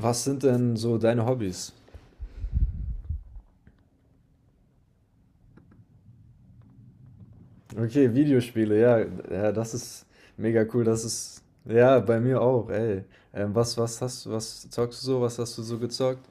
Was sind denn so deine Hobbys? Okay, Videospiele, ja, ja, das ist mega cool, das ist, ja, bei mir auch, ey. Was, was zockst du so, was hast du so gezockt?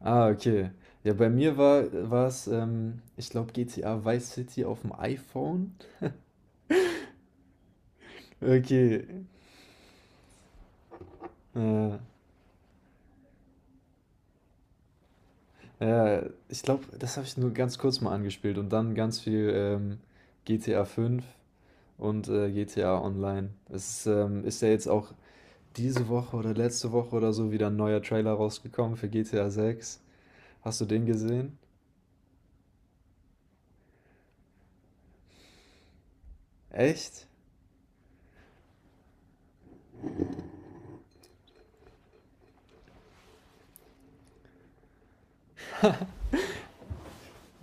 Ah, okay. Ja, bei mir war es, ich glaube, GTA Vice City auf dem iPhone. Okay. Äh, ja, ich glaube, das habe ich nur ganz kurz mal angespielt und dann ganz viel GTA 5 und GTA Online. Es ist ja jetzt auch diese Woche oder letzte Woche oder so wieder ein neuer Trailer rausgekommen für GTA 6. Hast du den gesehen? Echt?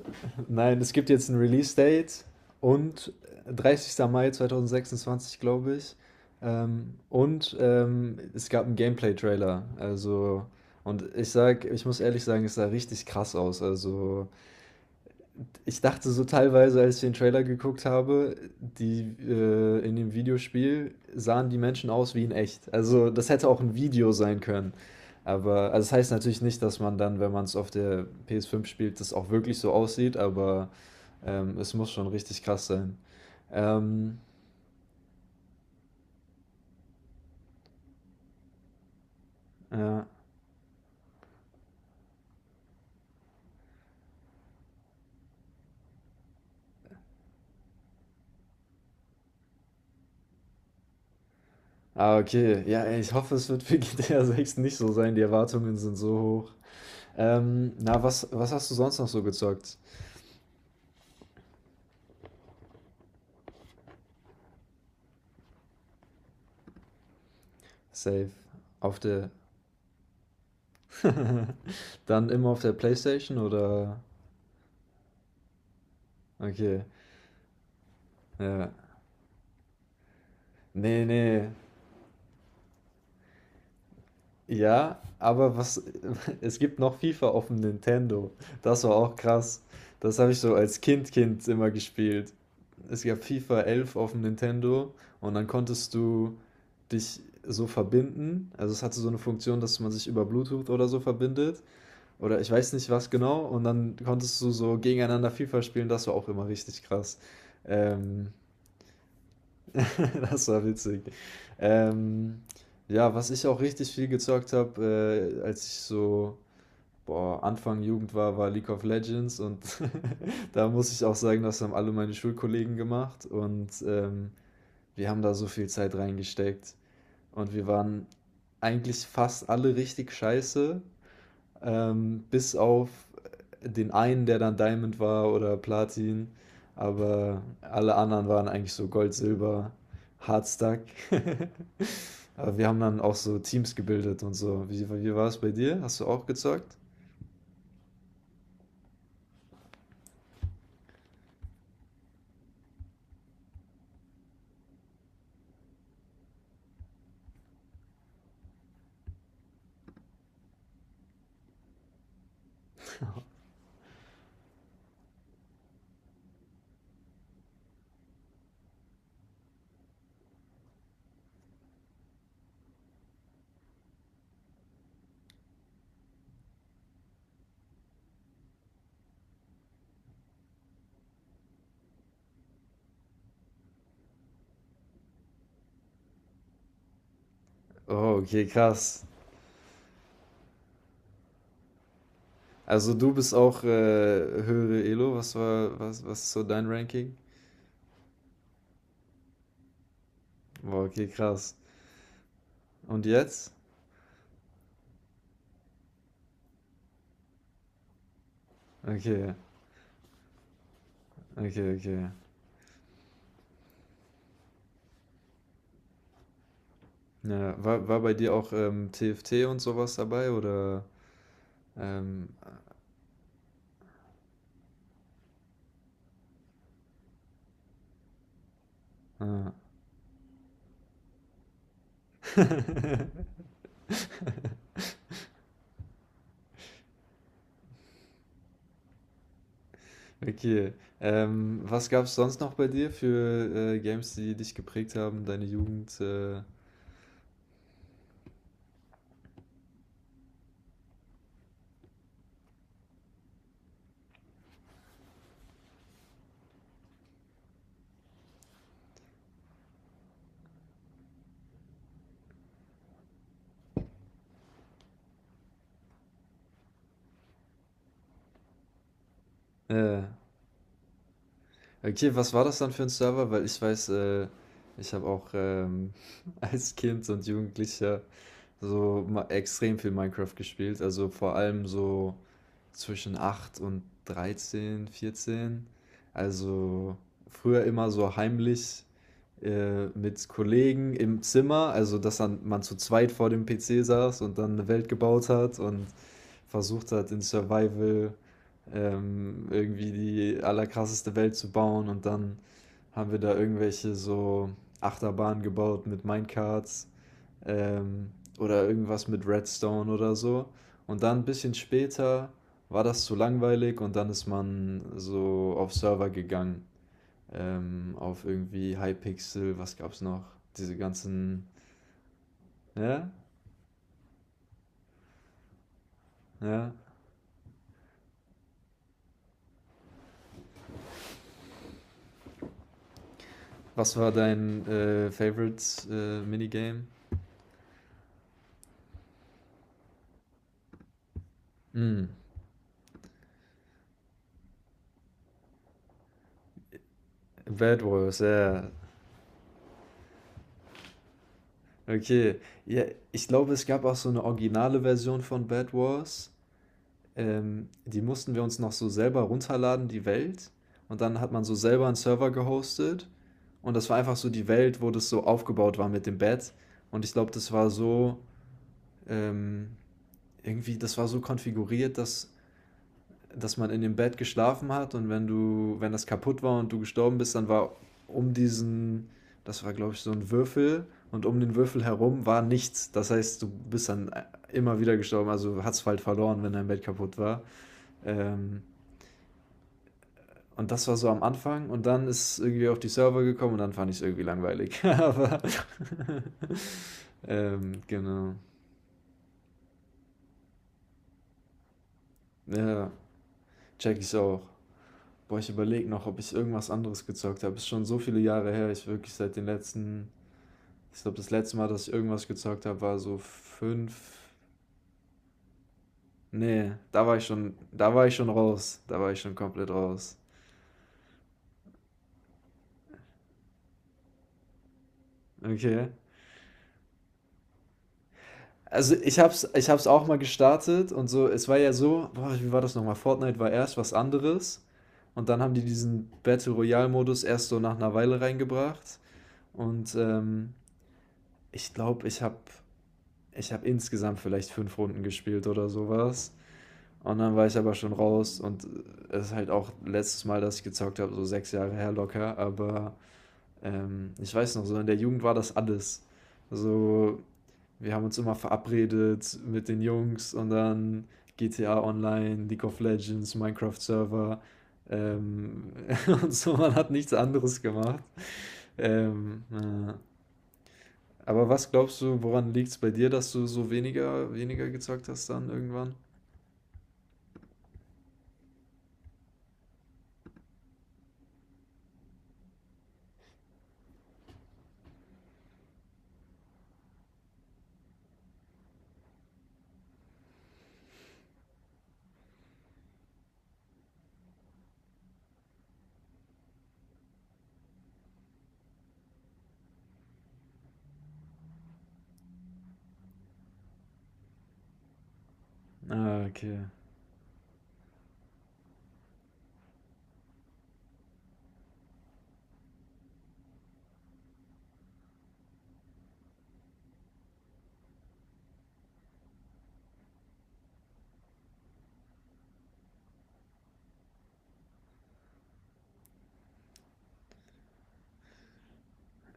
Nein, es gibt jetzt ein Release-Date und 30. Mai 2026, glaube ich. Und es gab einen Gameplay-Trailer. Also, und ich sag, ich muss ehrlich sagen, es sah richtig krass aus. Also, ich dachte so teilweise, als ich den Trailer geguckt habe, die in dem Videospiel sahen die Menschen aus wie in echt. Also das hätte auch ein Video sein können. Aber also das heißt natürlich nicht, dass man dann, wenn man es auf der PS5 spielt, das auch wirklich so aussieht, aber es muss schon richtig krass sein. Ähm, ja. Ah, okay. Ja, ey, ich hoffe, es wird für GTA sechs nicht so sein. Die Erwartungen sind so hoch. Na, was, was hast du sonst noch so gezockt? Safe. Auf der. Dann immer auf der PlayStation oder? Okay, ja. Nee, nee. Ja, aber was, es gibt noch FIFA auf dem Nintendo. Das war auch krass. Das habe ich so als Kind immer gespielt. Es gab FIFA 11 auf dem Nintendo und dann konntest du dich so verbinden. Also es hatte so eine Funktion, dass man sich über Bluetooth oder so verbindet. Oder ich weiß nicht was genau. Und dann konntest du so gegeneinander FIFA spielen. Das war auch immer richtig krass. Ähm, Das war witzig. Ähm, ja, was ich auch richtig viel gezockt habe, als ich so Anfang Jugend war, war League of Legends und da muss ich auch sagen, das haben alle meine Schulkollegen gemacht und wir haben da so viel Zeit reingesteckt und wir waren eigentlich fast alle richtig scheiße, bis auf den einen, der dann Diamond war oder Platin. Aber alle anderen waren eigentlich so Gold, Silber, Hardstack. Aber wir haben dann auch so Teams gebildet und so. Wie war es bei dir? Hast du auch gezockt? Oh, okay, krass. Also du bist auch höhere Elo. Was war, was, ist so dein Ranking? Boah, okay, krass. Und jetzt? Okay, okay. Ja, war bei dir auch TFT und sowas dabei oder? Ähm, ah. Okay. Was gab es sonst noch bei dir für Games, die dich geprägt haben, deine Jugend? Äh. Okay, was war das dann für ein Server? Weil ich weiß, ich habe auch als Kind und Jugendlicher so extrem viel Minecraft gespielt. Also vor allem so zwischen 8 und 13, 14. Also früher immer so heimlich mit Kollegen im Zimmer, also dass dann man zu zweit vor dem PC saß und dann eine Welt gebaut hat und versucht hat, in Survival irgendwie die allerkrasseste Welt zu bauen und dann haben wir da irgendwelche so Achterbahnen gebaut mit Minecarts ähm, oder irgendwas mit Redstone oder so. Und dann ein bisschen später war das zu langweilig und dann ist man so auf Server gegangen, auf irgendwie Hypixel, was gab's noch? Diese ganzen, ja, ja. Was war dein Favorite Minigame? Hm, Bad Wars, ja. Okay, ja, ich glaube, es gab auch so eine originale Version von Bed Wars. Die mussten wir uns noch so selber runterladen, die Welt. Und dann hat man so selber einen Server gehostet. Und das war einfach so die Welt, wo das so aufgebaut war mit dem Bett. Und ich glaube, das war so, ähm, irgendwie, das war so konfiguriert, dass, dass man in dem Bett geschlafen hat und wenn du, wenn das kaputt war und du gestorben bist, dann war um diesen, das war glaube ich so ein Würfel und um den Würfel herum war nichts. Das heißt, du bist dann immer wieder gestorben, also hast halt verloren, wenn dein Bett kaputt war. Ähm, und das war so am Anfang und dann ist irgendwie auf die Server gekommen und dann fand ich es irgendwie langweilig. Aber genau. Ja, check ich's auch. Boah, ich überlege noch, ob ich irgendwas anderes gezockt habe. Ist schon so viele Jahre her. Ich wirklich seit den letzten, ich glaube, das letzte Mal, dass ich irgendwas gezockt habe, war so fünf. Nee, da war ich schon raus. Da war ich schon komplett raus. Okay. Also ich hab's auch mal gestartet und so, es war ja so, boah, wie war das nochmal? Fortnite war erst was anderes und dann haben die diesen Battle Royale Modus erst so nach einer Weile reingebracht und ich glaube, ich habe insgesamt vielleicht 5 Runden gespielt oder sowas. Und dann war ich aber schon raus und es ist halt auch letztes Mal, dass ich gezockt habe, so sechs Jahre her locker, aber ich weiß noch, so in der Jugend war das alles. So, wir haben uns immer verabredet mit den Jungs und dann GTA Online, League of Legends, Minecraft Server ähm, und so, man hat nichts anderes gemacht. Ähm, äh, aber was glaubst du, woran liegt es bei dir, dass du so weniger gezockt hast dann irgendwann? Ah, okay.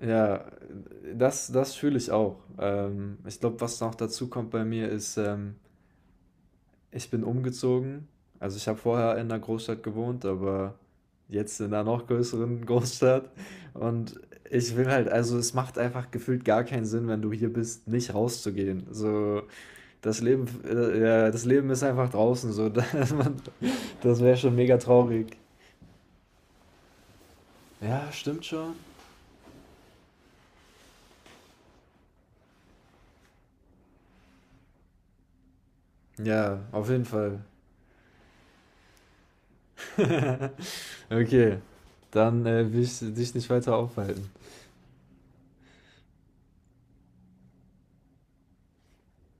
Ja, das das fühle ich auch. Ich glaube, was noch dazu kommt bei mir ist, ich bin umgezogen. Also, ich habe vorher in 'ner Großstadt gewohnt, aber jetzt in einer noch größeren Großstadt und ich will halt also, es macht einfach gefühlt gar keinen Sinn, wenn du hier bist, nicht rauszugehen. So das Leben, ja, das Leben ist einfach draußen, so. Das wäre schon mega traurig. Ja, stimmt schon. Ja, auf jeden Fall. Okay, dann will ich dich nicht weiter aufhalten.